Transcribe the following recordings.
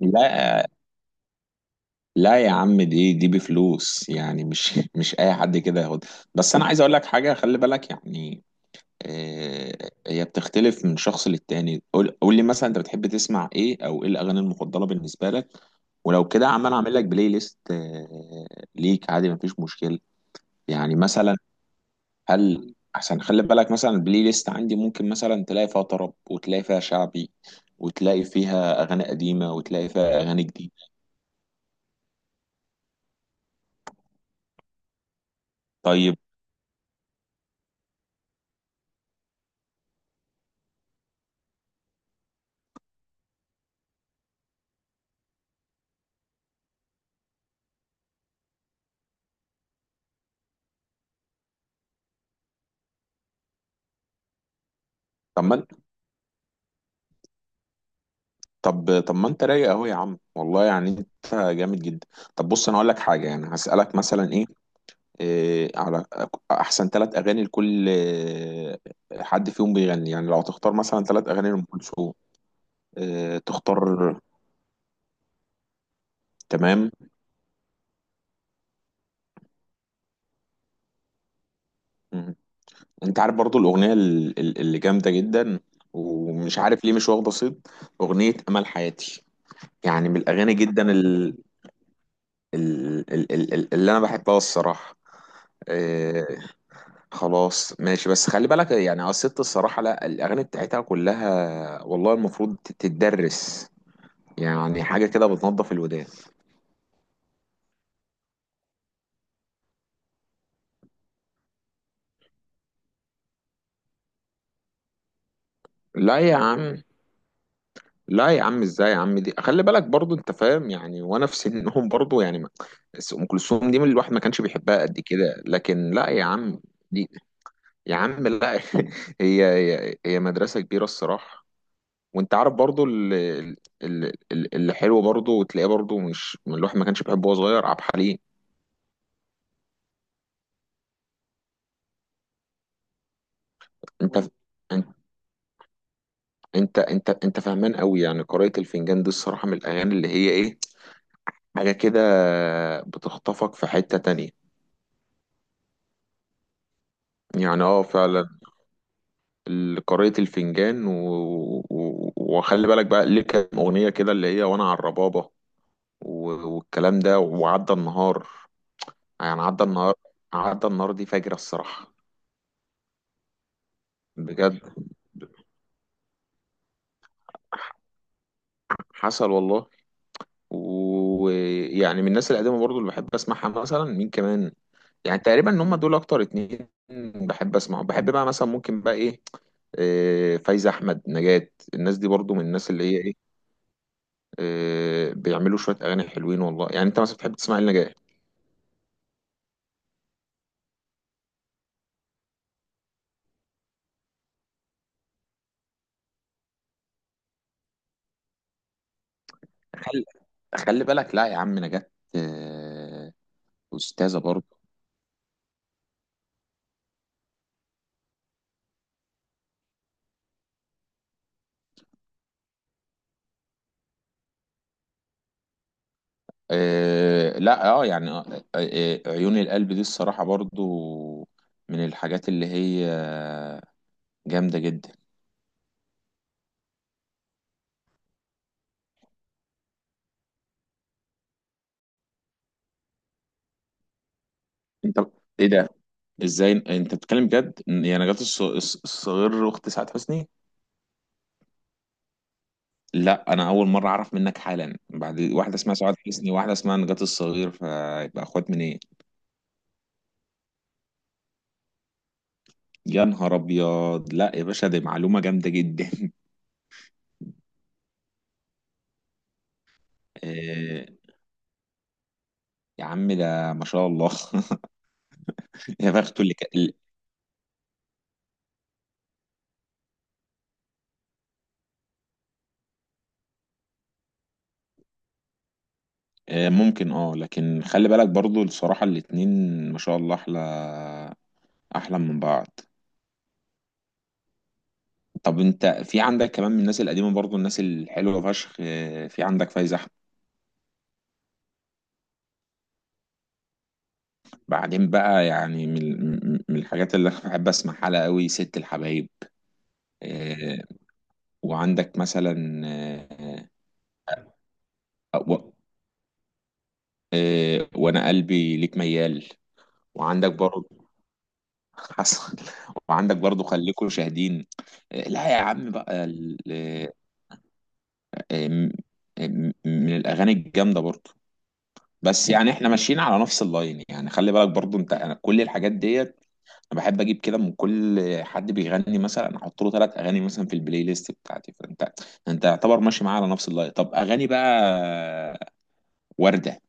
لا لا يا عم دي بفلوس يعني مش مش اي حد كده ياخد. بس انا عايز اقول لك حاجه، خلي بالك يعني. هي بتختلف من شخص للتاني. قول لي مثلا انت بتحب تسمع ايه او ايه الاغاني المفضله بالنسبه لك؟ ولو كده عم انا اعمل لك بلاي ليست ليك عادي، مفيش مشكله. يعني مثلا هل احسن، خلي بالك مثلا البلاي ليست عندي ممكن مثلا تلاقي فيها طرب، وتلاقي فيها شعبي، وتلاقي فيها اغاني قديمه، وتلاقي فيها اغاني جديده. طيب طب ما طب طب ما انت رايق اهو يا عم، والله يعني انت جامد جدا. طب بص انا اقول لك حاجه، يعني هسالك مثلا إيه احسن ثلاث اغاني لكل حد فيهم بيغني. يعني لو هتختار مثلا ثلاث اغاني لام كلثوم إيه تختار؟ تمام. مم. انت عارف برضو الاغنيه اللي جامده جدا ومش عارف ليه مش واخده صيت، اغنيه امل حياتي. يعني من الاغاني جدا ال اللي انا بحبها الصراحه. آه، خلاص ماشي. بس خلي بالك يعني، اه، الست الصراحة لا، الأغاني بتاعتها كلها والله المفروض تتدرس. يعني حاجة كده بتنظف الودان. لا يا عم، لا يا عم، ازاي يا عم؟ دي خلي بالك برضو، انت فاهم يعني، وانا في سنهم برضو يعني بس ام كلثوم دي من الواحد ما كانش بيحبها قد كده، لكن لا يا عم. دي يا عم لا، هي مدرسة كبيرة الصراحة. وانت عارف برضو اللي حلو برضو، وتلاقيه برضو مش من الواحد ما كانش بيحبه وهو صغير، عبد الحليم. انت انت انت فاهمان قوي. يعني قارئة الفنجان دي الصراحة من الاغاني اللي هي ايه، حاجة كده بتخطفك في حتة تانية. يعني اه فعلا. قارئة الفنجان و... و... وخلي بالك بقى ليه، كام اغنية كده اللي هي وانا على الربابة، و... والكلام ده، وعدى النهار. يعني عدى النهار، عدى النهار دي فجرة الصراحة. بجد. حصل والله. ويعني من الناس القديمة برضو اللي بحب اسمعها مثلا مين كمان؟ يعني تقريبا ان هم دول اكتر اتنين بحب اسمعهم. بحب بقى مثلا ممكن بقى ايه، فايزة احمد، نجاة، الناس دي برضو من الناس اللي هي ايه، بيعملوا شوية اغاني حلوين والله. يعني انت مثلا بتحب تسمع إيه لنجاة؟ خلي خلي بالك، لا يا عم، نجاة أستاذة برضه. لا اه يعني، عيون القلب دي الصراحة برضه من الحاجات اللي هي جامدة جدا. انت ايه ده؟ ازاي انت بتتكلم بجد يعني؟ نجاة الصغير اخت سعاد حسني؟ لا انا اول مره اعرف منك حالا بعد، واحده اسمها سعاد حسني، واحده اسمها نجاة الصغير، فيبقى اخوات من ايه؟ يا نهار ابيض، لا يا باشا، دي معلومه جامده جدا. آه، يا عم ده ما شاء الله. يا بخته اللي كان. ممكن اه، لكن خلي بالك برضو الصراحه، الاتنين ما شاء الله، احلى احلى من بعض. طب انت في عندك كمان من الناس القديمه برضو الناس الحلوه فشخ، في عندك فايزه. بعدين بقى يعني من الحاجات اللي انا بحب اسمعها لها قوي ست الحبايب. آه، وعندك مثلا، آه، و- وانا قلبي ليك ميال. وعندك برضه، حصل. وعندك برضه خليكوا شاهدين. لا يا عم بقى آه، م- من الاغاني الجامده برضه. بس يعني احنا ماشيين على نفس اللاين يعني، خلي بالك برضه انت، أنا كل الحاجات ديت انا بحب اجيب كده من كل حد بيغني، مثلا احط له ثلاث اغاني مثلا في البلاي ليست بتاعتي. فانت انت يعتبر ماشي معاه على نفس اللاين. طب اغاني بقى ورده؟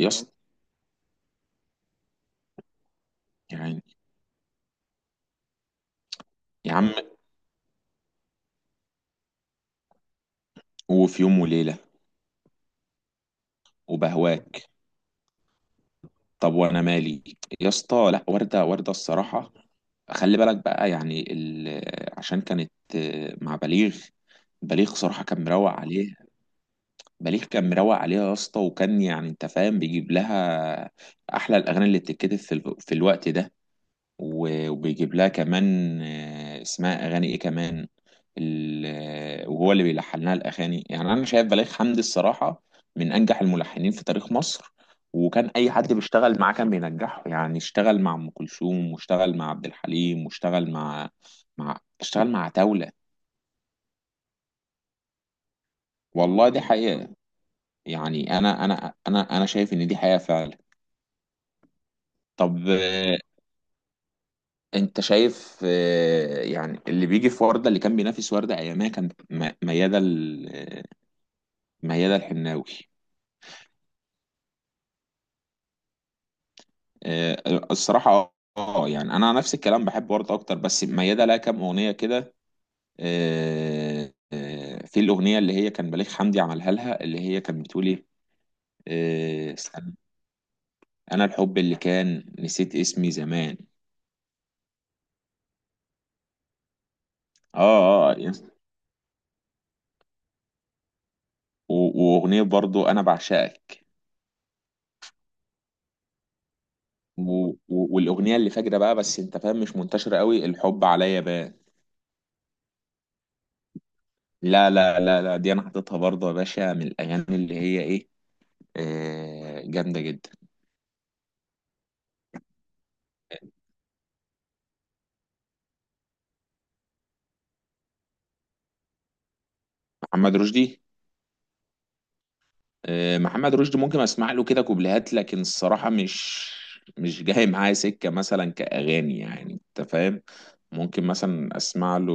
يا اسطى، يعني، يا عم، وفي يوم وليله، وبهواك، طب وانا مالي، يا اسطى، لا ورده ورده الصراحه. خلي بالك بقى يعني، ال... عشان كانت مع بليغ، بليغ صراحة كان مروق عليه. بليغ كان مروق عليها يا اسطى، وكان يعني انت فاهم بيجيب لها احلى الاغاني اللي بتتكتب في الوقت ده. و وبيجيب لها كمان اسمها اغاني ايه كمان وهو اللي بيلحن لها الاغاني. يعني انا شايف بليغ حمدي الصراحه من انجح الملحنين في تاريخ مصر، وكان اي حد بيشتغل معاه كان بينجحه. يعني اشتغل مع ام كلثوم، واشتغل مع عبد الحليم، واشتغل مع، مع، اشتغل مع عتاوله. والله دي حقيقه. يعني انا شايف ان دي حقيقه فعلا. طب انت شايف يعني اللي بيجي في ورده اللي كان بينافس ورده ايامها كان ميادة ميادة الحناوي. آه، الصراحه اه يعني انا نفس الكلام، بحب ورده اكتر، بس ميادة لها كام اغنيه كده، في الاغنيه اللي هي كان بليغ حمدي عملها لها اللي هي كانت بتقول ايه، استنى، انا الحب اللي كان نسيت اسمي زمان. اه اه. واغنيه برضو انا بعشقك. و... والاغنيه اللي فاجره بقى بس انت فاهم مش منتشره قوي، الحب عليا بان. لا لا لا لا، دي انا حاططها برضه يا باشا من الاغاني اللي هي ايه، آه، جامده جدا. محمد رشدي؟ آه، محمد رشدي ممكن اسمع له كده كوبليهات، لكن الصراحه مش جاي معايا سكه مثلا كاغاني يعني، انت فاهم. ممكن مثلا اسمع له.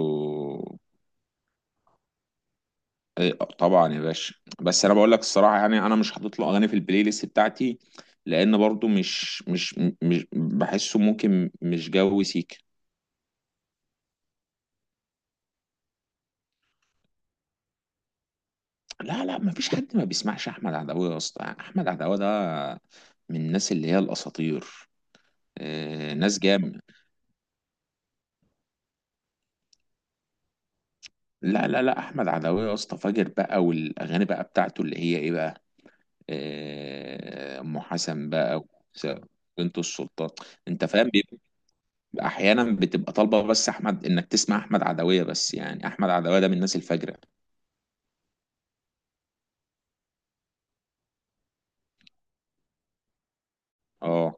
إيه، طبعا يا باشا. بس انا بقول لك الصراحه يعني انا مش حاطط له اغاني في البلاي ليست بتاعتي، لان برضو مش بحسه، ممكن مش جو سيك. لا لا، ما فيش حد ما بيسمعش احمد عدويه يا اسطى. احمد عدويه ده من الناس اللي هي الاساطير. ناس جامد. لا لا لا، احمد عدويه يا اسطى فاجر بقى، والاغاني بقى بتاعته اللي هي ايه بقى، ام حسن بقى، وس- بنت السلطان. انت فاهم، احيانا بتبقى طالبه بس احمد انك تسمع احمد عدويه، بس يعني احمد عدويه ده من الناس الفجره. اه.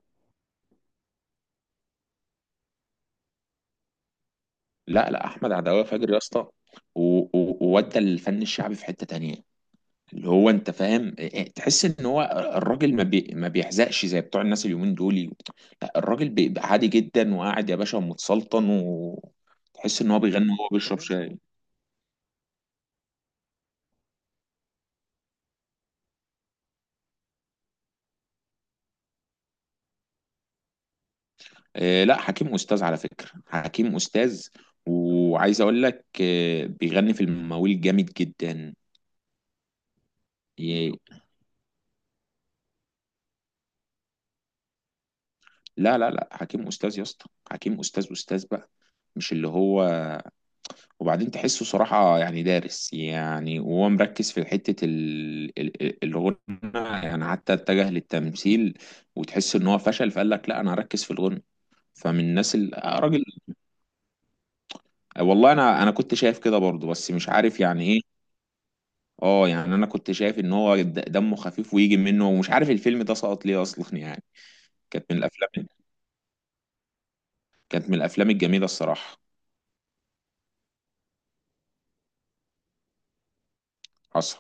لا لا، احمد عدويه فجر يا اسطى، و- و- وودى الفن الشعبي في حته تانية. اللي هو انت فاهم إيه، تحس ان هو الراجل ما بيحزقش زي بتوع الناس اليومين دول. لا الراجل بيبقى عادي جدا وقاعد يا باشا متسلطن، وتحس ان هو بيغني وهو بيشرب شاي. إيه لا، حكيم استاذ على فكره، حكيم استاذ. وعايز اقول لك إيه، بيغني في المواويل جامد جدا. لا لا لا، حكيم استاذ يا اسطى، حكيم استاذ استاذ بقى، مش اللي هو. وبعدين تحسه صراحة يعني دارس، يعني وهو مركز في حتة الغنى. يعني حتى اتجه للتمثيل وتحس ان هو فشل فقال لك لا انا هركز في الغنى. فمن الناس ال... آه، راجل. والله انا كنت شايف كده برضه بس مش عارف يعني ايه. اه يعني انا كنت شايف ان هو دمه خفيف، ويجي منه ومش عارف الفيلم ده سقط ليه اصلا يعني. كانت من الافلام، كانت من الافلام الجميلة الصراحة. حصل.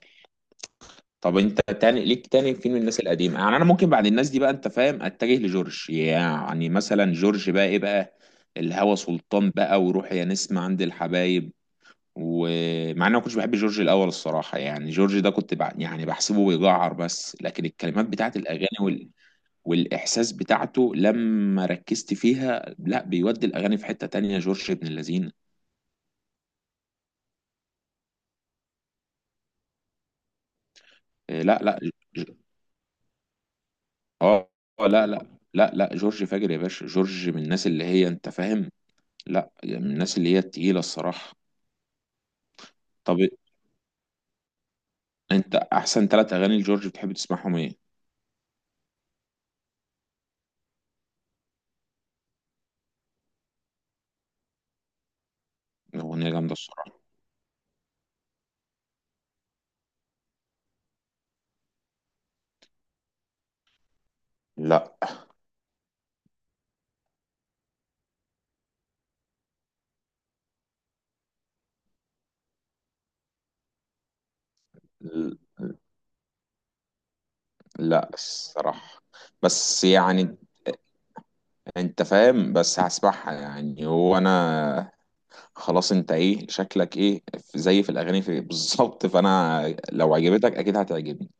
طب انت تاني ليك تاني فين من الناس القديمه؟ يعني انا ممكن بعد الناس دي بقى انت فاهم اتجه لجورج. يعني مثلا جورج بقى ايه بقى، الهوى سلطان بقى، وروح يا نسمة عند الحبايب. ومع اني ما كنتش بحب جورج الاول الصراحه، يعني جورج ده كنت يعني بحسبه بيجعر، بس لكن الكلمات بتاعت الاغاني وال، والاحساس بتاعته لما ركزت فيها، لا بيودي الاغاني في حته تانية، جورج ابن اللذين. اه، لا لا، ج... ج- اه لا لا لا لا، جورج فاجر يا باشا، جورج من الناس اللي هي انت فاهم. لا يعني من الناس اللي هي التقيلة الصراحة. طب انت احسن ثلاث اغاني لجورج بتحب تسمعهم ايه؟ اغنية جامدة الصراحة. لا لا الصراحة، بس يعني انت فاهم، بس هسمعها يعني. هو انا خلاص، انت ايه شكلك، ايه في زي في الاغاني في بالظبط. فانا لو عجبتك اكيد هتعجبني،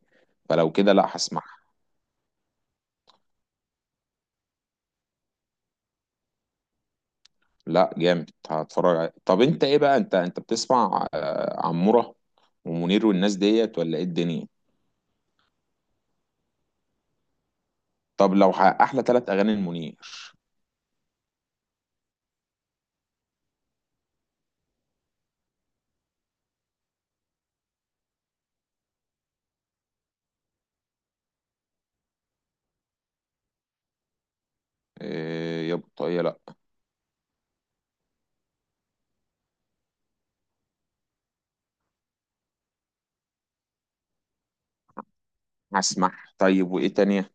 فلو كده لا هسمعها. لا جامد هتفرج عليها. طب انت ايه بقى، انت بتسمع عمورة ومنير والناس ديت ولا ايه الدنيا؟ طب لو احلى ثلاث اغاني المنير؟ إيه يا بطاقية؟ لا. هسمع. طيب وايه تانية؟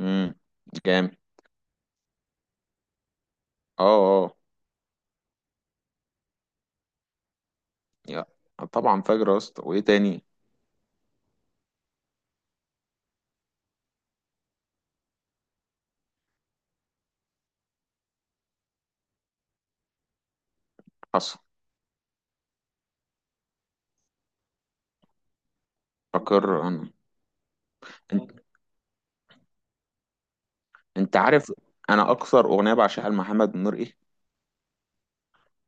امم. جامد. اه اه. يا طبعا فجر يا اسطى، وايه تاني؟ حصل. فاكر انا. انت أنت عارف انا اكثر اغنيه بعشقها لمحمد منير ايه،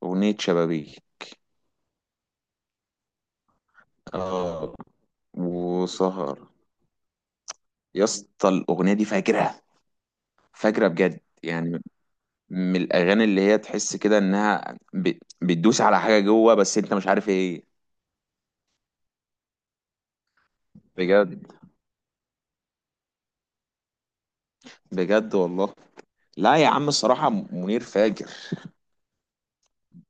اغنيه شبابيه. اه. وسهر، يا اسطى الاغنيه دي فاجره، فاجره بجد يعني، من الاغاني اللي هي تحس كده انها بتدوس على حاجه جوه بس انت مش عارف ايه. بجد، بجد والله. لا يا عم، الصراحة منير فاجر.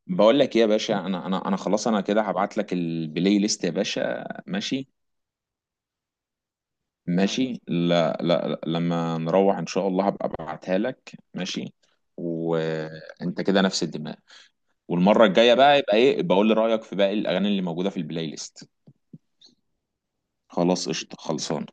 بقول لك ايه يا باشا، انا خلاص، انا كده هبعت لك البلاي ليست يا باشا، ماشي؟ ماشي. لا لا لا، لما نروح ان شاء الله هبقى ابعتها لك ماشي. وانت كده نفس الدماغ، والمرة الجاية بقى يبقى ايه بقول لي رأيك في باقي الاغاني اللي موجودة في البلاي ليست. خلاص قشطة، خلصان.